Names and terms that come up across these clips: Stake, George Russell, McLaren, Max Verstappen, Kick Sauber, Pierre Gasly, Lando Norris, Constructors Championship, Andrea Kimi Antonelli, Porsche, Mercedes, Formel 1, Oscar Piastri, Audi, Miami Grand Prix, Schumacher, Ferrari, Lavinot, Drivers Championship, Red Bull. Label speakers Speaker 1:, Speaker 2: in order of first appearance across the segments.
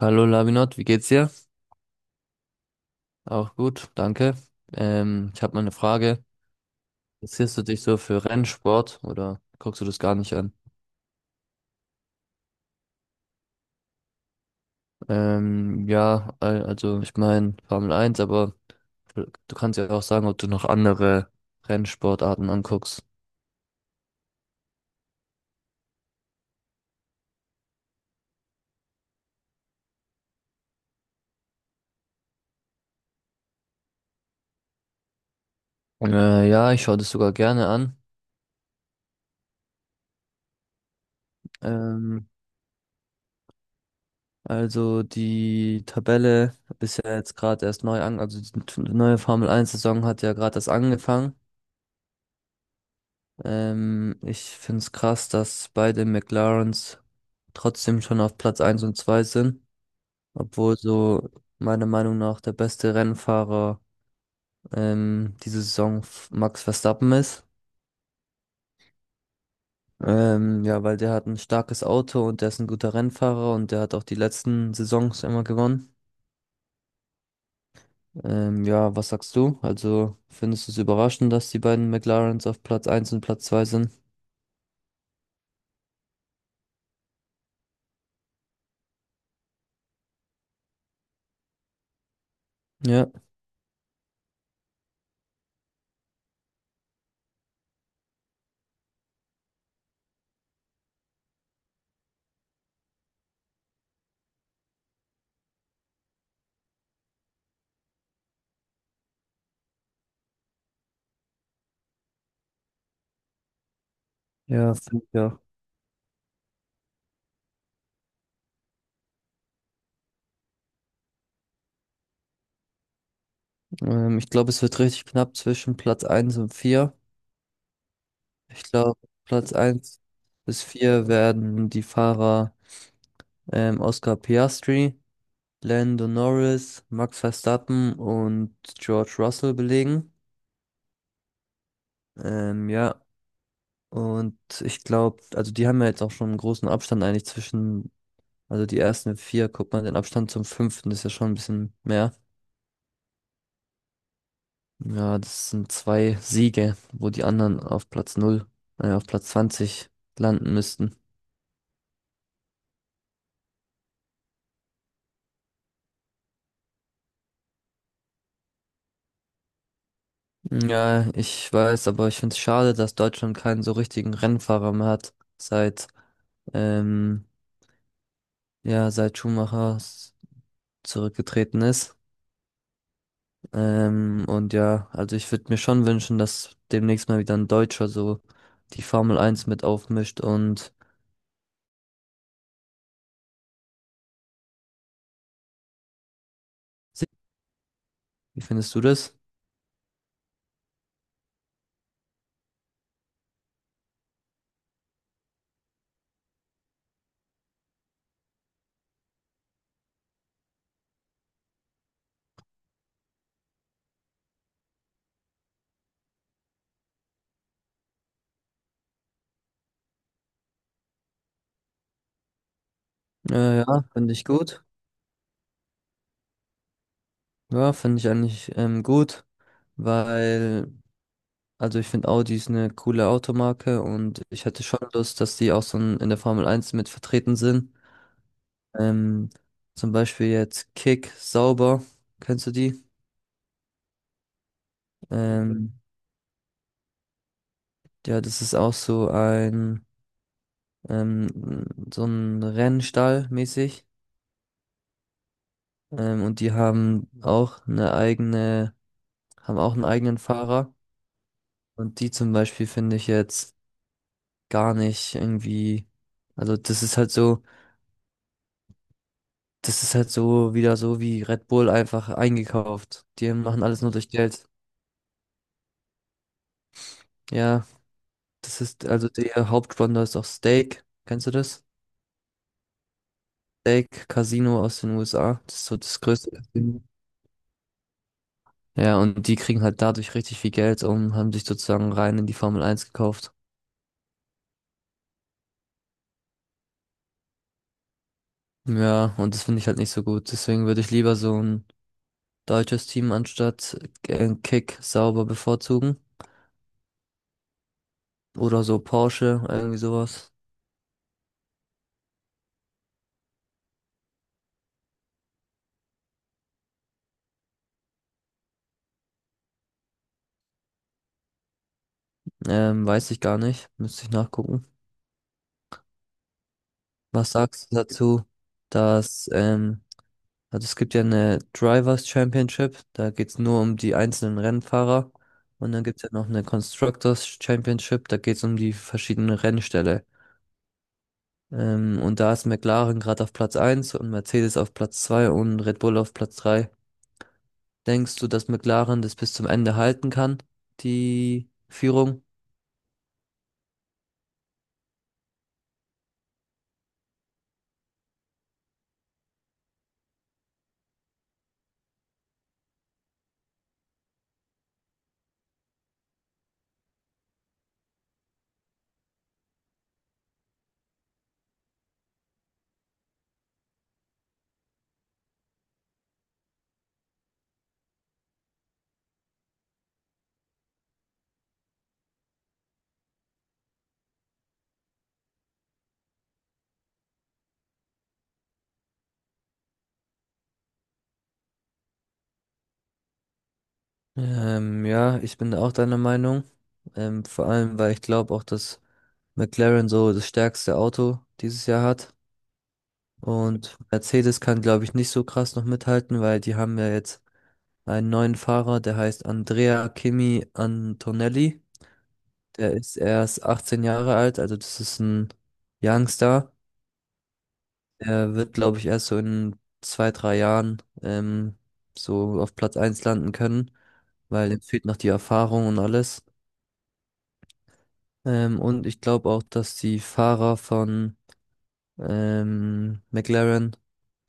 Speaker 1: Hallo Lavinot, wie geht's dir? Auch gut, danke. Ich habe mal eine Frage. Interessierst du dich so für Rennsport oder guckst du das gar nicht an? Ja, also ich meine Formel 1, aber du kannst ja auch sagen, ob du noch andere Rennsportarten anguckst. Ja, ich schaue das sogar gerne an. Ähm, also die Tabelle ist ja jetzt gerade erst neu an, also die neue Formel 1 Saison hat ja gerade erst angefangen. Ich finde es krass, dass beide McLarens trotzdem schon auf Platz 1 und 2 sind, obwohl so meiner Meinung nach der beste Rennfahrer diese Saison Max Verstappen ist. Ja, weil der hat ein starkes Auto und der ist ein guter Rennfahrer und der hat auch die letzten Saisons immer gewonnen. Ja, was sagst du? Also findest du es überraschend, dass die beiden McLarens auf Platz eins und Platz 2 sind? Ja, ja, finde ich auch. Ich glaube, es wird richtig knapp zwischen Platz 1 und 4. Ich glaube, Platz eins bis 4 werden die Fahrer Oscar Piastri, Lando Norris, Max Verstappen und George Russell belegen. Ja, und ich glaube, also die haben ja jetzt auch schon einen großen Abstand eigentlich zwischen, also die ersten 4, guck mal, den Abstand zum 5. ist ja schon ein bisschen mehr. Ja, das sind zwei Siege, wo die anderen auf Platz 0, auf Platz 20 landen müssten. Ja, ich weiß, aber ich finde es schade, dass Deutschland keinen so richtigen Rennfahrer mehr hat, seit, ähm, ja, seit Schumacher zurückgetreten ist. Und ja, also ich würde mir schon wünschen, dass demnächst mal wieder ein Deutscher so die Formel 1 mit aufmischt und se- Wie findest du das? Ja, finde ich gut. Ja, finde ich eigentlich gut, weil. Also ich finde, Audi ist eine coole Automarke und ich hätte schon Lust, dass die auch so in der Formel Eins mit vertreten sind. Ähm, Zum Beispiel jetzt Kick Sauber, kennst du die? Ähm, ja, das ist auch ähm, so ein Rennstall mäßig. Und die haben haben auch einen eigenen Fahrer. Und die zum Beispiel finde ich jetzt gar nicht irgendwie, also Das ist halt so wieder so wie Red Bull einfach eingekauft. Die machen alles nur durch Geld. Ja, das ist also der Hauptsponsor ist auch Stake. Kennst du das? Stake Casino aus den USA. Das ist so das größte Casino. Ja, und die kriegen halt dadurch richtig viel Geld und haben sich sozusagen rein in die Formel Eins gekauft. Ja, und das finde ich halt nicht so gut. Deswegen würde ich lieber so ein deutsches Team anstatt Kick Sauber bevorzugen. Oder so Porsche, irgendwie sowas. Weiß ich gar nicht. Müsste ich nachgucken. Was sagst du dazu, dass, also es gibt ja eine Drivers Championship, da geht's nur um die einzelnen Rennfahrer. Und dann gibt's ja noch eine Constructors Championship, da geht's um die verschiedenen Rennställe. Und da ist McLaren gerade auf Platz eins und Mercedes auf Platz 2 und Red Bull auf Platz 3. Denkst du, dass McLaren das bis zum Ende halten kann, die Führung? Ja, ich bin auch deiner Meinung. Vor allem, weil ich glaube auch, dass McLaren so das stärkste Auto dieses Jahr hat. Und Mercedes kann, glaube ich, nicht so krass noch mithalten, weil die haben ja jetzt einen neuen Fahrer, der heißt Andrea Kimi Antonelli. Der ist erst 18 Jahre alt, also das ist ein Youngster. Er wird, glaube ich, erst so in zwei, drei Jahren so auf Platz eins landen können, weil ihm fehlt noch die Erfahrung und alles. Und ich glaube auch, dass die Fahrer von McLaren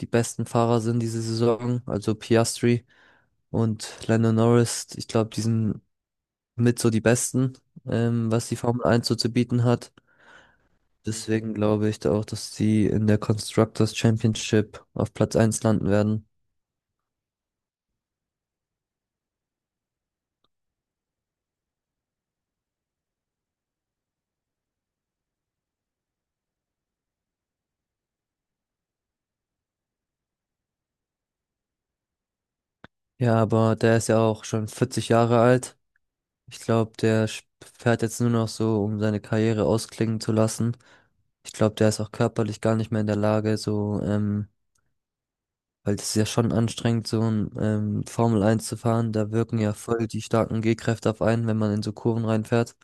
Speaker 1: die besten Fahrer sind diese Saison. Also Piastri und Lando Norris. Ich glaube, die sind mit so die besten, was die Formel 1 so zu bieten hat. Deswegen glaube ich da auch, dass die in der Constructors Championship auf Platz eins landen werden. Ja, aber der ist ja auch schon 40 Jahre alt. Ich glaube, der fährt jetzt nur noch so, um seine Karriere ausklingen zu lassen. Ich glaube, der ist auch körperlich gar nicht mehr in der Lage, so, weil das ist ja schon anstrengend, so ein Formel 1 zu fahren. Da wirken ja voll die starken G-Kräfte auf einen, wenn man in so Kurven reinfährt.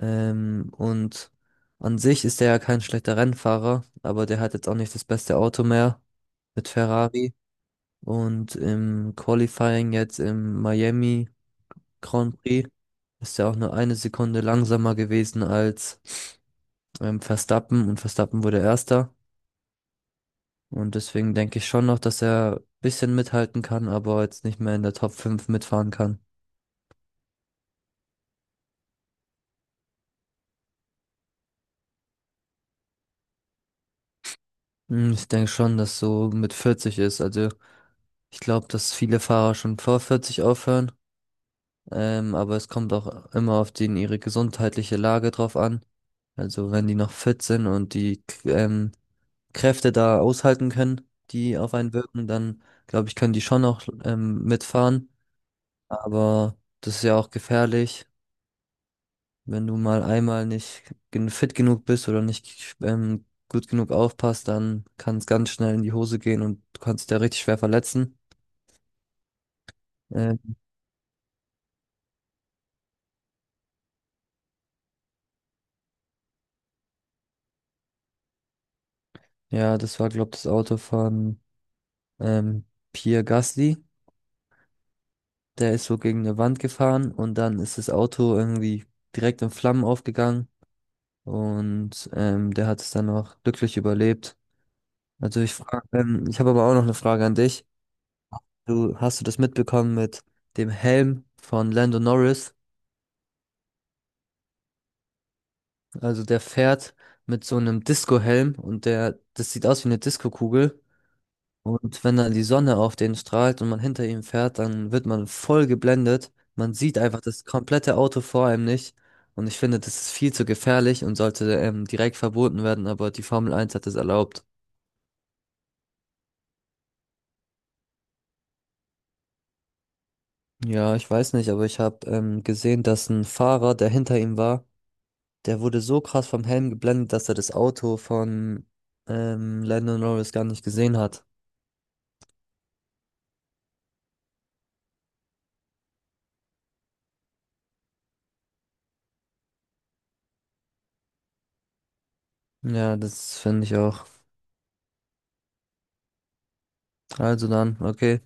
Speaker 1: Und an sich ist der ja kein schlechter Rennfahrer, aber der hat jetzt auch nicht das beste Auto mehr mit Ferrari. Und im Qualifying jetzt in Miami Grand Prix ist ja auch nur eine Sekunde langsamer gewesen als Verstappen und Verstappen wurde Erster. Und deswegen denke ich schon noch, dass er ein bisschen mithalten kann, aber jetzt nicht mehr in der Top 5 mitfahren kann. Hm, ich denke schon, dass so mit 40 ist. Also ich glaube, dass viele Fahrer schon vor 40 aufhören. Aber es kommt auch immer auf den ihre gesundheitliche Lage drauf an. Also wenn die noch fit sind und die Kräfte da aushalten können, die auf einen wirken, dann glaube ich, können die schon auch mitfahren. Aber das ist ja auch gefährlich, wenn du mal einmal nicht fit genug bist oder nicht gut genug aufpasst, dann kann es ganz schnell in die Hose gehen und du kannst dich da richtig schwer verletzen. Ähm, ja, das war, glaube ich, das Auto von ähm, Pierre Gasly. Der ist so gegen eine Wand gefahren und dann ist das Auto irgendwie direkt in Flammen aufgegangen. Und der hat es dann noch glücklich überlebt. Ich habe aber auch noch eine Frage an dich. Du hast du das mitbekommen mit dem Helm von Lando Norris? Also der fährt mit so einem Disco-Helm und das sieht aus wie eine Disco-Kugel. Und wenn dann die Sonne auf den strahlt und man hinter ihm fährt, dann wird man voll geblendet. Man sieht einfach das komplette Auto vor einem nicht. Und ich finde, das ist viel zu gefährlich und sollte direkt verboten werden, aber die Formel Eins hat es erlaubt. Ja, ich weiß nicht, aber ich habe gesehen, dass ein Fahrer, der hinter ihm war, der wurde so krass vom Helm geblendet, dass er das Auto von Lando Norris gar nicht gesehen hat. Ja, das finde ich auch. Also dann, okay.